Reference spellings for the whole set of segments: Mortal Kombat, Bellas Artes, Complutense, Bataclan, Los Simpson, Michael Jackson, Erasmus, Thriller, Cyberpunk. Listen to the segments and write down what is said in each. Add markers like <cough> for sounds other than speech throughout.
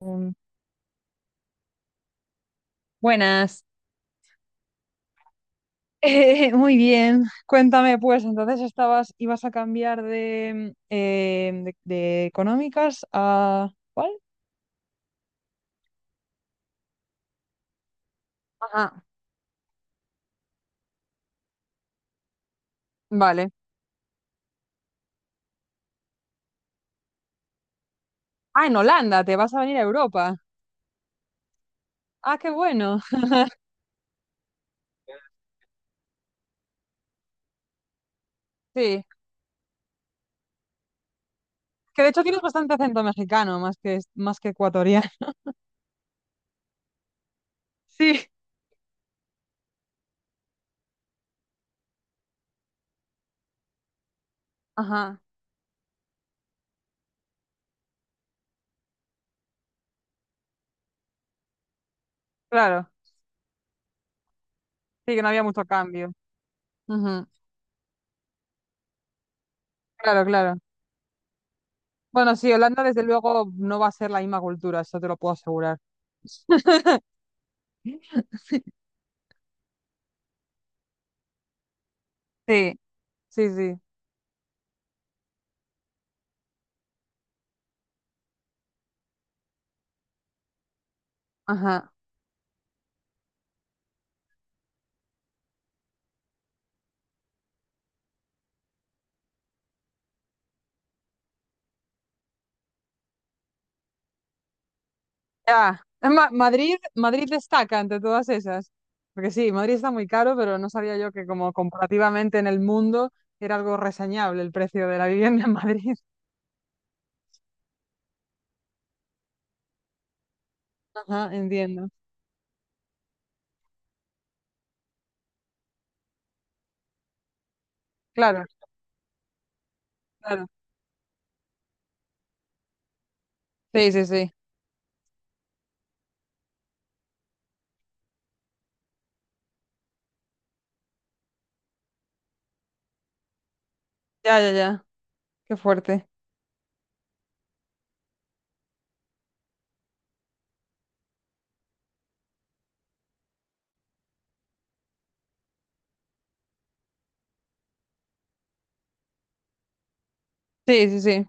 Mm, buenas. <laughs> Muy bien. Cuéntame, pues, entonces estabas, ibas a cambiar de económicas a... ¿Cuál? Ajá, vale. Ah, en Holanda, te vas a venir a Europa. Ah, qué bueno. <laughs> Sí. Que de hecho tienes bastante acento mexicano, más que ecuatoriano. <laughs> Sí. Ajá, claro. Sí, que no había mucho cambio. Ujú, claro, claro. Bueno, sí, Holanda desde luego no va a ser la misma cultura, eso te lo puedo asegurar. Sí, sí, sí. Ajá. Ya, Madrid, Madrid destaca entre todas esas. Porque sí, Madrid está muy caro, pero no sabía yo que, como comparativamente en el mundo, era algo reseñable el precio de la vivienda en Madrid. Ajá, <laughs> entiendo. Claro, claro. Sí, sí, sí. Ya, ya, ya. Qué fuerte. Sí, sí, sí.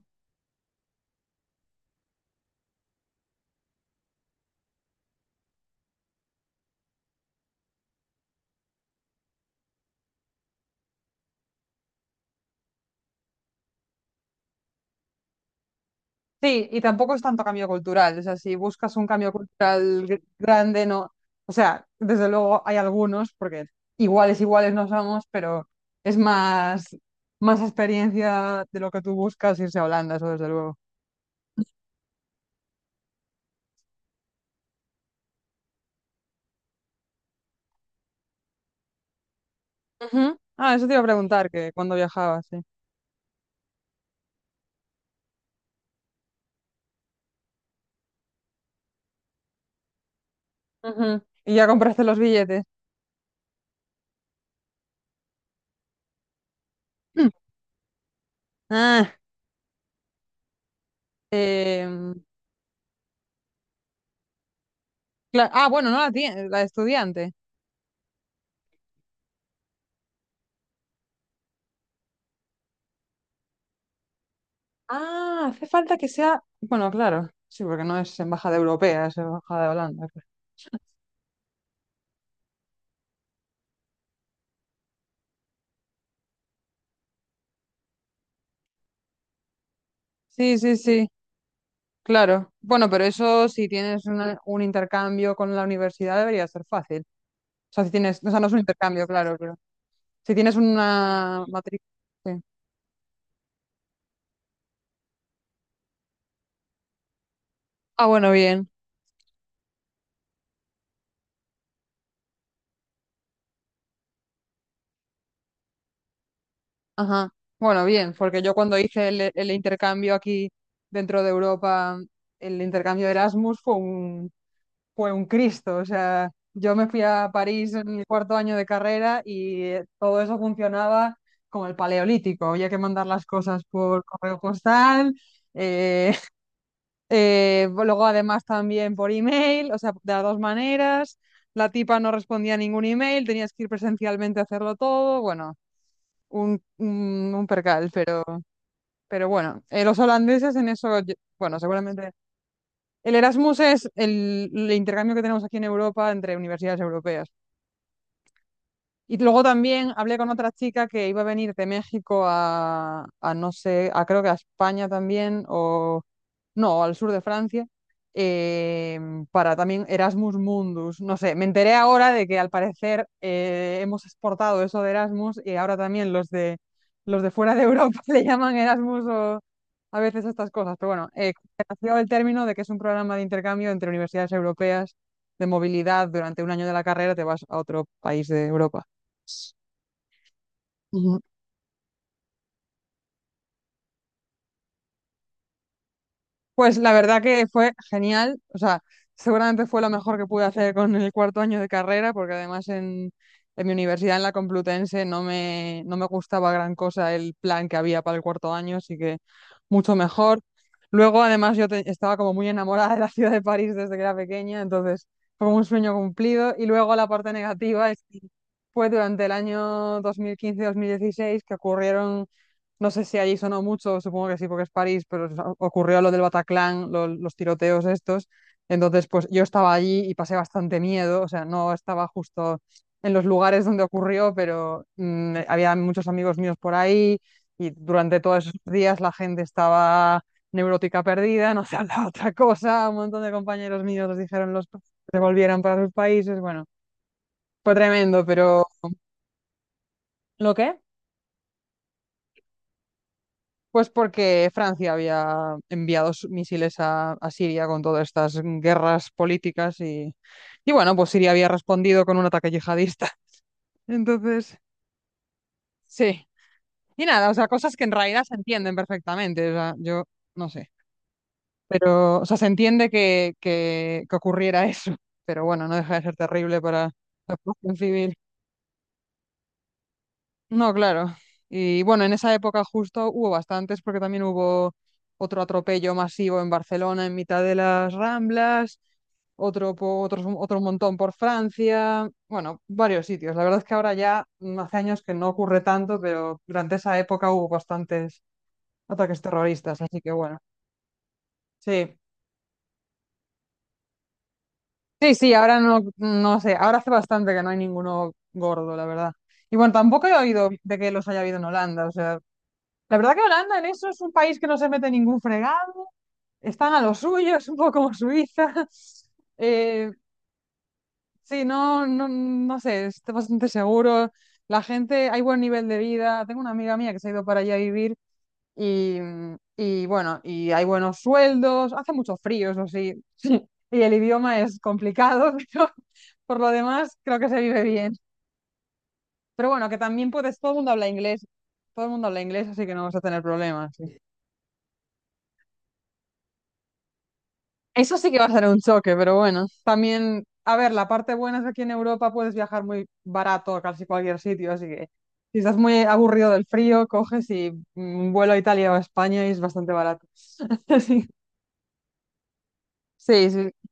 Sí, y tampoco es tanto cambio cultural. O sea, si buscas un cambio cultural grande, no. O sea, desde luego hay algunos, porque iguales, iguales no somos, pero es más, más experiencia de lo que tú buscas irse a Holanda, eso desde luego. Ujú. Ah, eso te iba a preguntar, que cuando viajabas, sí. Ujú. Y ya compraste los billetes. Mm. <clears throat> Ah, em, bueno, no la, la de estudiante. Ah, hace falta que sea. Bueno, claro. Sí, porque no es embajada europea, es embajada de Holanda. Sí, sí, sí, claro. Bueno, pero eso, si tienes un intercambio con la universidad, debería ser fácil. O sea, si tienes, o sea, no es un intercambio, claro, pero si tienes una matrícula. Sí. Ah, bueno, bien. Ajá. Bueno, bien, porque yo, cuando hice el intercambio aquí dentro de Europa, el intercambio de Erasmus fue un Cristo. O sea, yo me fui a París en mi cuarto año de carrera y todo eso funcionaba como el paleolítico. Había que mandar las cosas por correo postal, eh, <laughs> luego además también por email, o sea, de las dos maneras. La tipa no respondía a ningún email, tenías que ir presencialmente a hacerlo todo. Bueno, un percal, pero bueno, los holandeses en eso, bueno, seguramente el Erasmus es el intercambio que tenemos aquí en Europa entre universidades europeas. Y luego también hablé con otra chica que iba a venir de México a no sé, a, creo que a España también, o no, al sur de Francia, eh, para también Erasmus Mundus. No sé, me enteré ahora de que al parecer hemos exportado eso de Erasmus y ahora también los de fuera de Europa <laughs> le llaman Erasmus o a veces estas cosas. Pero bueno, nació el término de que es un programa de intercambio entre universidades europeas, de movilidad durante un año de la carrera, te vas a otro país de Europa. Pues la verdad que fue genial, o sea, seguramente fue lo mejor que pude hacer con el cuarto año de carrera, porque además en mi universidad, en la Complutense, no me gustaba gran cosa el plan que había para el cuarto año, así que mucho mejor. Luego, además, yo estaba como muy enamorada de la ciudad de París desde que era pequeña, entonces fue un sueño cumplido. Y luego la parte negativa es que fue durante el año 2015-2016 que ocurrieron, no sé si allí sonó mucho, supongo que sí, porque es París, pero ocurrió lo del Bataclan, los tiroteos estos. Entonces, pues yo estaba allí y pasé bastante miedo, o sea, no estaba justo en los lugares donde ocurrió, pero había muchos amigos míos por ahí y durante todos esos días la gente estaba neurótica perdida, no se hablaba <laughs> otra cosa, un montón de compañeros míos, les dijeron los que se volvieran para sus países, bueno, fue tremendo, pero... ¿Lo qué? Pues porque Francia había enviado sus misiles a Siria con todas estas guerras políticas y bueno, pues Siria había respondido con un ataque yihadista. <laughs> Entonces, sí. Y nada, o sea, cosas que en realidad se entienden perfectamente. O sea, yo no sé. Pero, o sea, se entiende que ocurriera <laughs> eso. Pero bueno, no deja de ser terrible para la población civil. No, claro. Y bueno, en esa época justo hubo bastantes porque también hubo otro atropello masivo en Barcelona en mitad de las Ramblas, otro, otro montón por Francia, bueno, varios sitios. La verdad es que ahora ya, hace años que no ocurre tanto, pero durante esa época hubo bastantes ataques terroristas, así que bueno, sí. Sí, sí, ahora no, no sé, ahora hace bastante que no hay ninguno gordo, la verdad. Y bueno, tampoco he oído de que los haya habido en Holanda, o sea... La verdad que Holanda en eso es un país que no se mete ningún fregado, están a lo suyo, <laughs> es un poco como Suiza. <laughs> Eh, sí, no, no, no sé, está bastante seguro. La gente, hay buen nivel de vida. Tengo una amiga mía que se ha ido para allá a vivir y, y bueno, y hay buenos sueldos, hace mucho frío, eso sí, <laughs> sí, y el idioma es complicado, <laughs> pero por lo demás creo que se vive bien. Pero bueno, que también puedes, todo el mundo habla inglés, todo el mundo habla inglés, así que no vas a tener problemas. Sí. Eso sí que va a ser un choque, pero bueno, también, a ver, la parte buena es que aquí en Europa puedes viajar muy barato a casi cualquier sitio, así que si estás muy aburrido del frío, coges y, un vuelo a Italia o a España y es bastante barato. <laughs> Sí, sí, sí.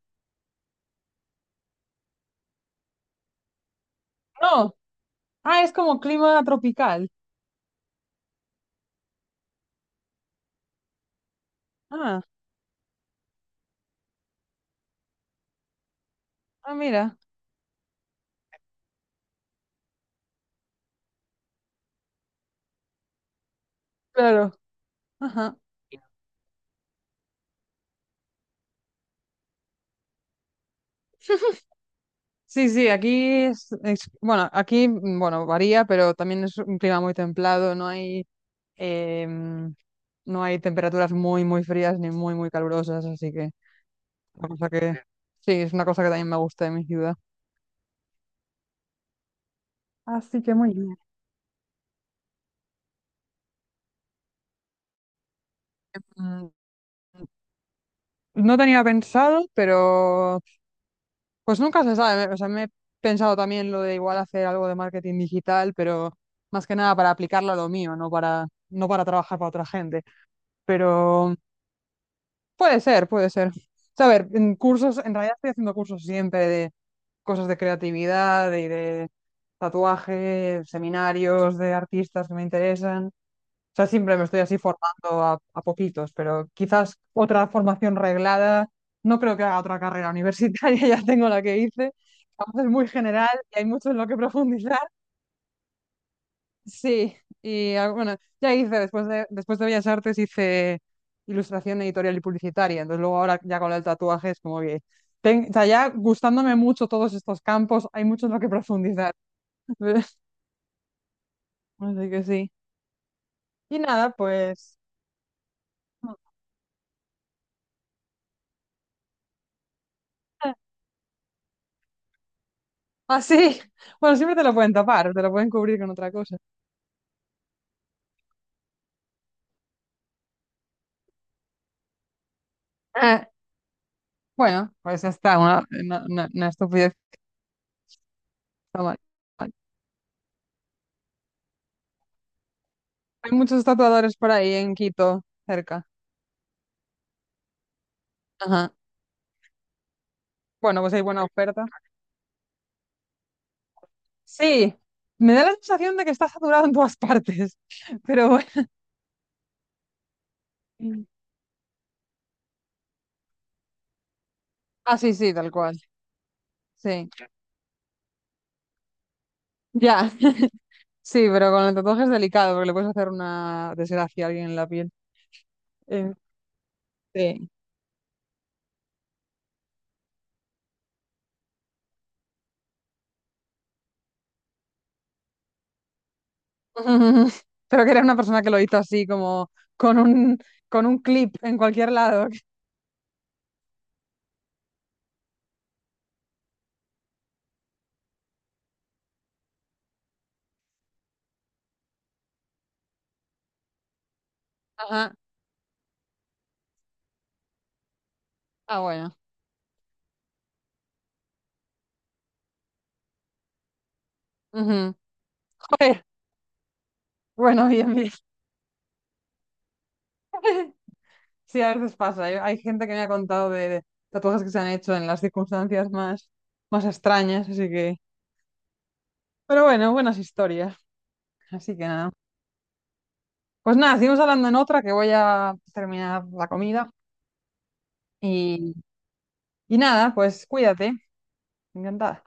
No, ah, es como clima tropical. Ah, ah, mira, claro. Ajá. Sí, sí, aquí es, bueno, aquí, bueno, varía, pero también es un clima muy templado, no hay... Em, no hay temperaturas muy, muy frías ni muy, muy calurosas, así que una cosa que... Sí, es una cosa que también me gusta de mi ciudad. Así que muy bien. Mm, no tenía pensado, pero pues nunca se sabe. O sea, me he pensado también lo de igual hacer algo de marketing digital, pero más que nada para aplicarlo a lo mío, no para, trabajar para otra gente. Pero puede ser, puede ser. O sea, a ver, en cursos, en realidad estoy haciendo cursos siempre, cosas de creatividad y de tatuaje, seminarios de artistas que me interesan. O sea, siempre me estoy así formando a poquitos, pero quizás otra formación reglada. No creo que haga otra carrera universitaria, <laughs> ya tengo la que hice. Además, es muy general y hay mucho en lo que profundizar. Sí, y bueno, ya hice, después de Bellas Artes hice ilustración editorial y publicitaria. Entonces luego ahora ya con el tatuaje es como que... o sea, ya gustándome mucho todos estos campos, hay mucho en lo que profundizar. <laughs> Así que sí. Y nada, pues. <laughs> Así. Bueno, siempre te lo pueden tapar, te lo pueden cubrir con otra cosa. Eh, bueno, pues ya está, una estupidez. Está mal. Mal. Hay muchos tatuadores por ahí en Quito, cerca. Ajá. Bueno, pues hay buena oferta. Sí, me da la sensación de que está saturado en todas partes, <laughs> pero bueno. Ah, sí, sí, tal cual. Sí. Ya. <laughs> Sí, pero con el tatuaje es delicado porque le puedes hacer una desgracia a alguien en la piel. Eh, Sí. <laughs> Pero que era una persona que lo hizo así, como con un, con un clip en cualquier lado. Ajá. Ah, bueno. Ujú. Joder. Bueno, bien, bien. <laughs> Sí, a veces pasa. Hay gente que me ha contado de tatuajes que se han hecho en las circunstancias más, más extrañas, así que... Pero bueno, buenas historias. Así que nada. Pues nada, seguimos hablando en otra que voy a terminar la comida. Y, y nada, pues cuídate. Encantada.